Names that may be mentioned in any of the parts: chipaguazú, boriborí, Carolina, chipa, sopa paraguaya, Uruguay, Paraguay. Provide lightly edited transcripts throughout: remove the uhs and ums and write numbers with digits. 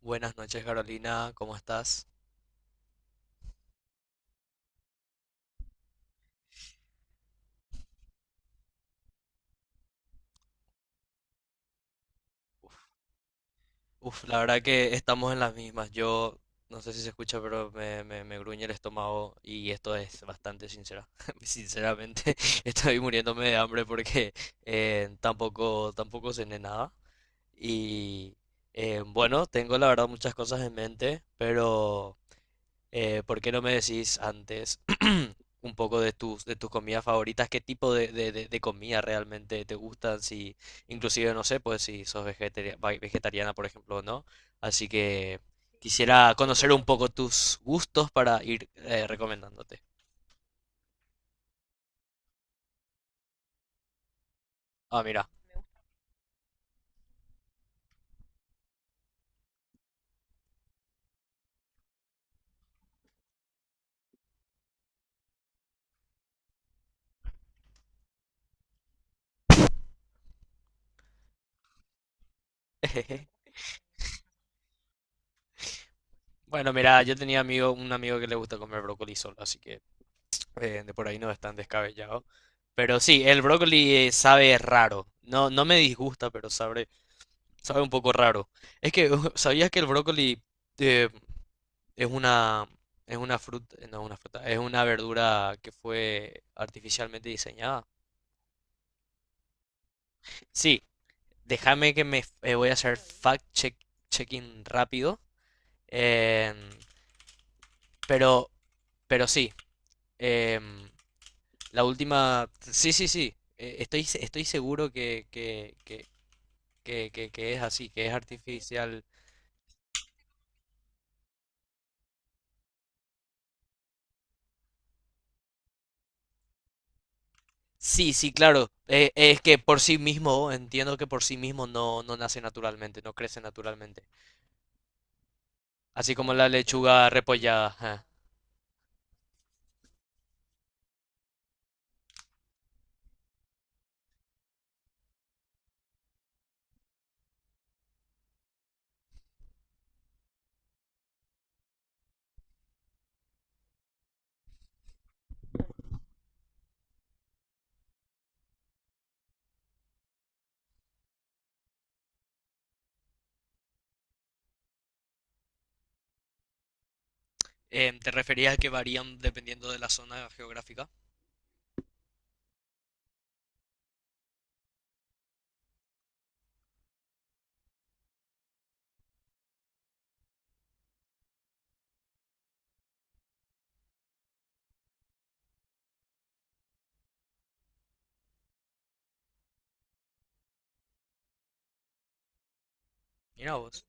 Buenas noches, Carolina, ¿cómo estás? Uf, uf, la verdad que estamos en las mismas. Yo no sé si se escucha, pero me gruñe el estómago y esto es bastante sincera. Sinceramente, estoy muriéndome de hambre porque tampoco cené nada. Y bueno, tengo la verdad muchas cosas en mente, pero... ¿por qué no me decís antes un poco de tus comidas favoritas? ¿Qué tipo de comida realmente te gustan? Si, inclusive, no sé, pues si sos vegetariana, por ejemplo, o no. Así que quisiera conocer un poco tus gustos para ir recomendándote. Ah, mira. Bueno, mira, un amigo que le gusta comer brócoli solo, así que de por ahí no es tan descabellado. Pero sí, el brócoli sabe raro. No, no me disgusta, pero sabe un poco raro. Es que, ¿sabías que el brócoli eh, es una, no es una fruta, es una verdura que fue artificialmente diseñada? Sí, déjame que me f- voy a hacer checking rápido. em, pero, pero sí, em, la última, sí, sí, sí, estoy, se- estoy seguro que es así, que es artificial. Sí, sí, claro. Es que por sí mismo, entiendo que por sí mismo no, no nace naturalmente, no crece naturalmente. Así como la lechuga repollada. Ajá. ¿Te referías a que varían dependiendo de la zona geográfica? Mira vos,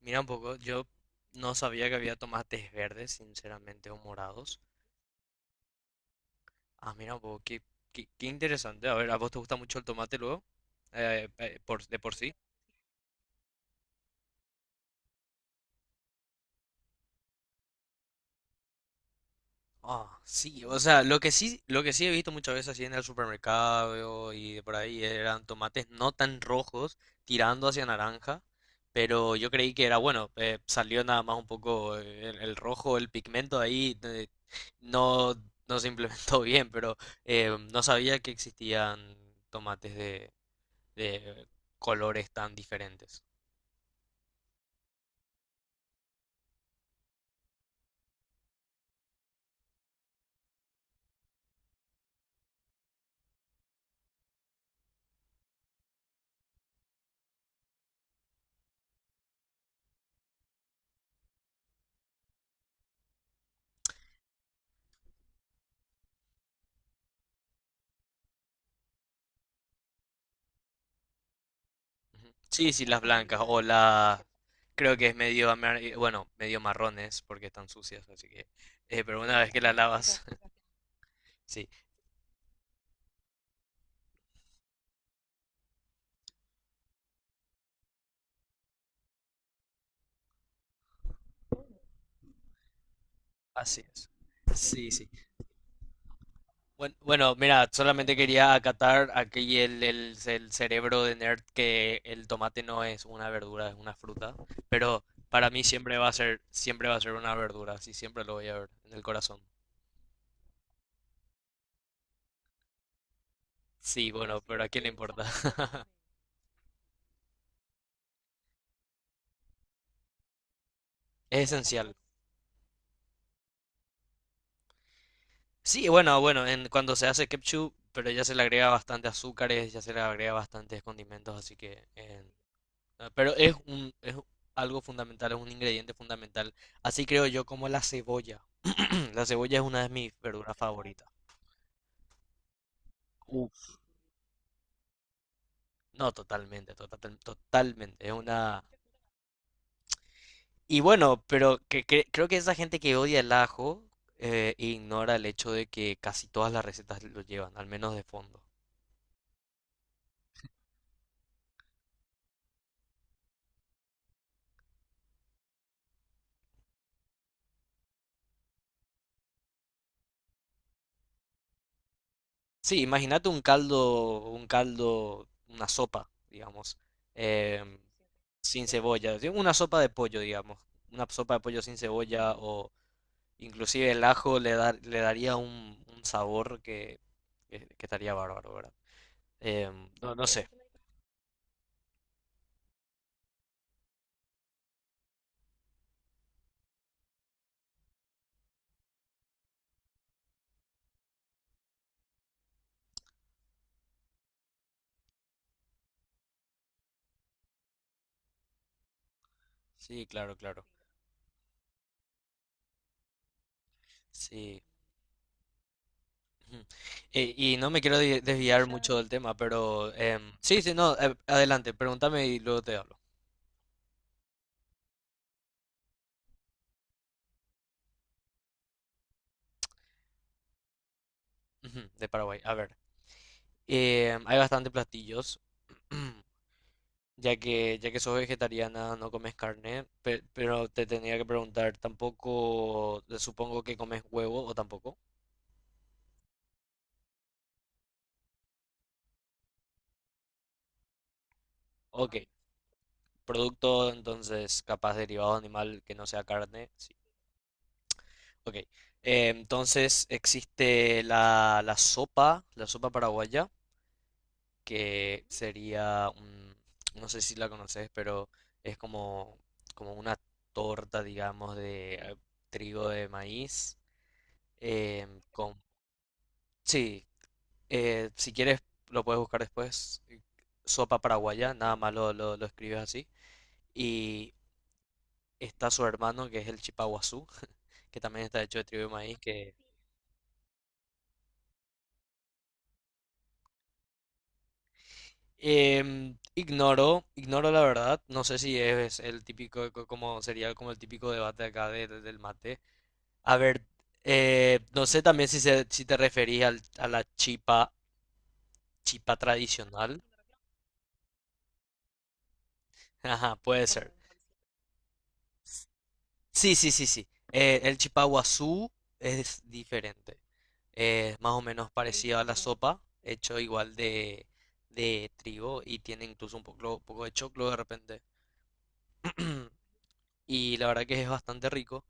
mira un poco. Yo no sabía que había tomates verdes, sinceramente, o morados. Ah, mira un poco, qué interesante. A ver, ¿a vos te gusta mucho el tomate luego? Por, de por sí. Ah, sí, o sea, lo que sí he visto muchas veces así en el supermercado y de por ahí eran tomates no tan rojos, tirando hacia naranja, pero yo creí que era bueno, salió nada más un poco el rojo, el pigmento ahí no, no se implementó bien, pero no sabía que existían tomates de colores tan diferentes. Ujú. Sí, sí, las blancas o la... Creo que es medio marrones porque están sucias, así que... pero una vez que la lavas, sí, así es. Sí, sí. Bueno, mira, solamente quería acatar aquí el cerebro de nerd que el tomate no es una verdura, es una fruta, pero para mí siempre va a ser una verdura, así siempre lo voy a ver en el corazón. Sí, bueno, pero ¿a quién le importa? Es esencial. Sí, bueno, cuando se hace ketchup, pero ya se le agrega bastante azúcares, ya se le agrega bastantes condimentos, así que... pero es un, es algo fundamental, es un ingrediente fundamental. Así creo yo como la cebolla. La cebolla es una de mis verduras favoritas. Uf, no, totalmente, totalmente. Es una... Y bueno, pero que, creo que esa gente que odia el ajo ignora el hecho de que casi todas las recetas lo llevan, al menos de fondo. Sí, imagínate un caldo, una sopa, digamos, em, sin cebolla, sí, una sopa de pollo sin cebolla o inclusive el ajo le daría un sabor que, que estaría bárbaro, ¿verdad? Em, no, no sé. Sí, claro, claro. Sí. Ujú. Y no me quiero desviar mucho del tema, pero em, sí, sí, no, adelante, pregúntame y luego te hablo. Ujú, de Paraguay, a ver. Hay bastantes platillos. Ya que sos vegetariana, no comes carne, pero te tenía que preguntar, tampoco, supongo que comes huevo o tampoco. Ok, producto entonces capaz derivado de animal que no sea carne, sí. Ok, entonces existe la sopa paraguaya, que sería, no sé si la conoces, pero es como, como una torta, digamos, de trigo de maíz, em, con... Sí, eh, si quieres, lo puedes buscar después. Sopa paraguaya, nada más lo escribes así. Y está su hermano, que es el chipaguazú, que también está hecho de trigo de maíz, que... Em, ignoro la verdad. No sé si es el típico, como sería como el típico debate acá del mate. A ver, no sé también si, si te referís a la chipa, chipa tradicional. Ajá, puede ser. Sí, sí, sí, sí. El chipaguazú es diferente. Es más o menos parecido a la sopa, hecho igual de trigo y tiene incluso un poco, poco de choclo de repente. Y la verdad que es bastante rico.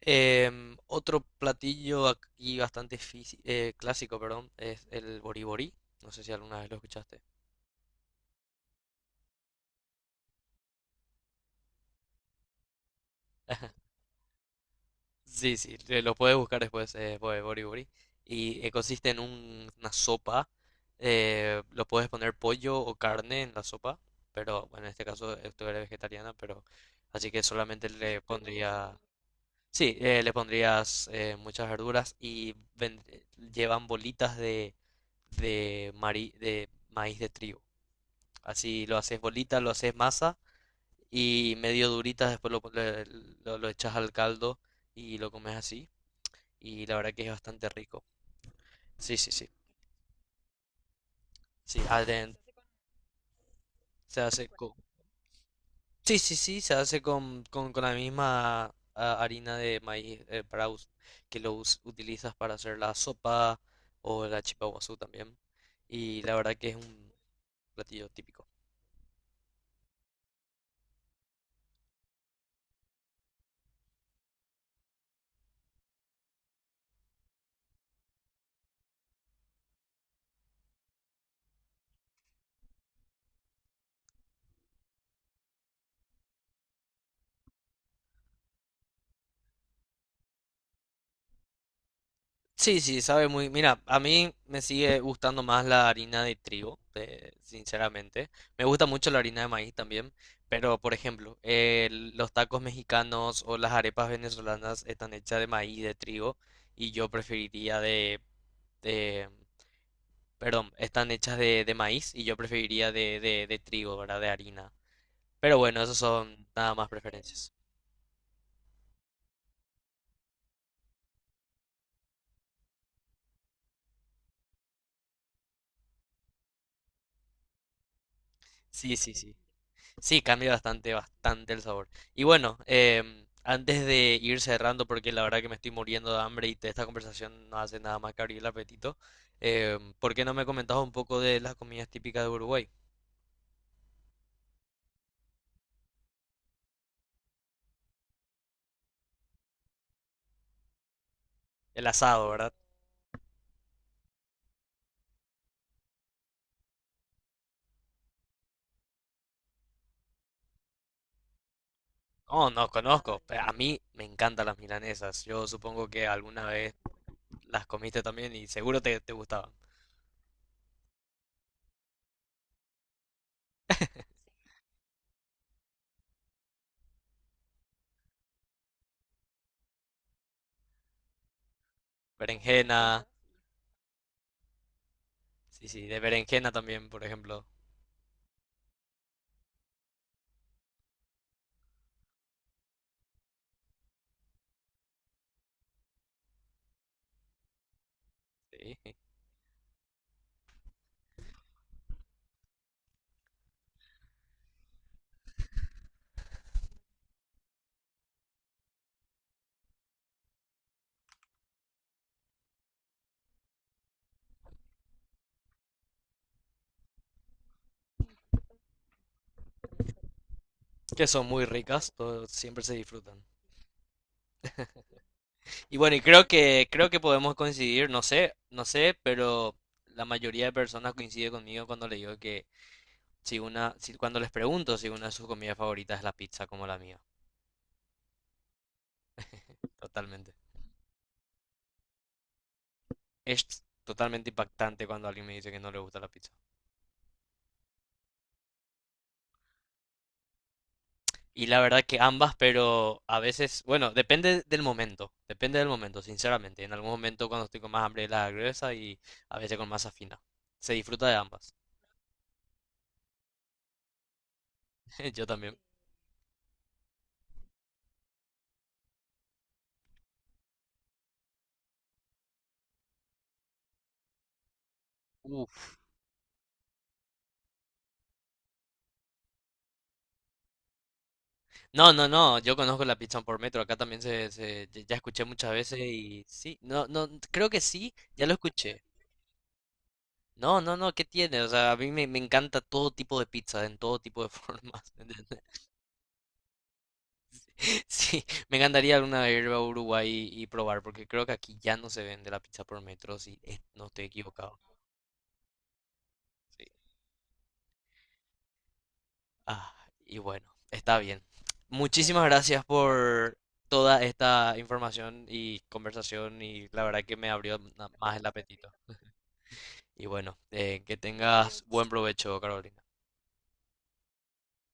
Em, otro platillo aquí bastante clásico, perdón, es el boriborí. No sé si alguna vez lo escuchaste. Sí, sí, te lo puedes buscar después, Bori Bori. Y consiste en una sopa. Eh, lo puedes poner pollo o carne en la sopa. Pero bueno, en este caso tú eres vegetariana, pero así que solamente le pondría. Sí, le pondrías muchas verduras y llevan bolitas de maíz de trigo. Así lo haces bolita, lo haces masa y medio duritas, después lo echas al caldo y lo comes así y la verdad que es bastante rico. Sí, sí, sí. Sí, adent se hace con... Sí, sí, sí, se hace con la misma ah, harina de maíz que utilizas para hacer la sopa o la chipa guazú también. Y la verdad que es un platillo típico. Sí, sí, sabe muy. Mira, a mí me sigue gustando más la harina de trigo, sinceramente. Me gusta mucho la harina de maíz también, pero por ejemplo, los tacos mexicanos o las arepas venezolanas están hechas de maíz, de trigo, y yo preferiría de- perdón, están hechas de maíz y yo preferiría de trigo, ¿verdad? De harina. Pero bueno, esos son nada más preferencias. Sí, sí, sí. Sí, cambia bastante, bastante el sabor. Y bueno, em, antes de ir cerrando, porque la verdad que me estoy muriendo de hambre y esta conversación no hace nada más que abrir el apetito, em, ¿por qué no me comentabas un poco de las comidas típicas de Uruguay? El asado, ¿verdad? Oh, no conozco. A mí me encantan las milanesas. Yo supongo que alguna vez las comiste también y seguro te, te gustaban. Berenjena, sí, sí, de berenjena también, por ejemplo. Sí, que son muy ricas, siempre se disfrutan. Y bueno, y creo que podemos coincidir, no sé, no sé, pero la mayoría de personas coincide conmigo cuando le digo que si una, si, cuando les pregunto si una de sus comidas favoritas es la pizza como la mía, totalmente. Es totalmente impactante cuando alguien me dice que no le gusta la pizza. Y la verdad que ambas, pero a veces, bueno, depende del momento, sinceramente. En algún momento cuando estoy con más hambre la gruesa y a veces con masa fina. Se disfruta de ambas. Yo también. No, no, no, yo conozco la pizza por metro, acá también ya ya escuché muchas veces y sí, no, no, creo que sí, ya lo escuché. No, no, no, ¿qué tiene? O sea, a mí me encanta todo tipo de pizza, en todo tipo de formas. ¿Entendés? Sí, me encantaría alguna vez ir a Uruguay y probar, porque creo que aquí ya no se vende la pizza por metro, si no estoy equivocado. Sí. Ah, y bueno, está bien. Muchísimas gracias por toda esta información y conversación y la verdad que me abrió más el apetito. Y bueno, que tengas buen provecho, Carolina.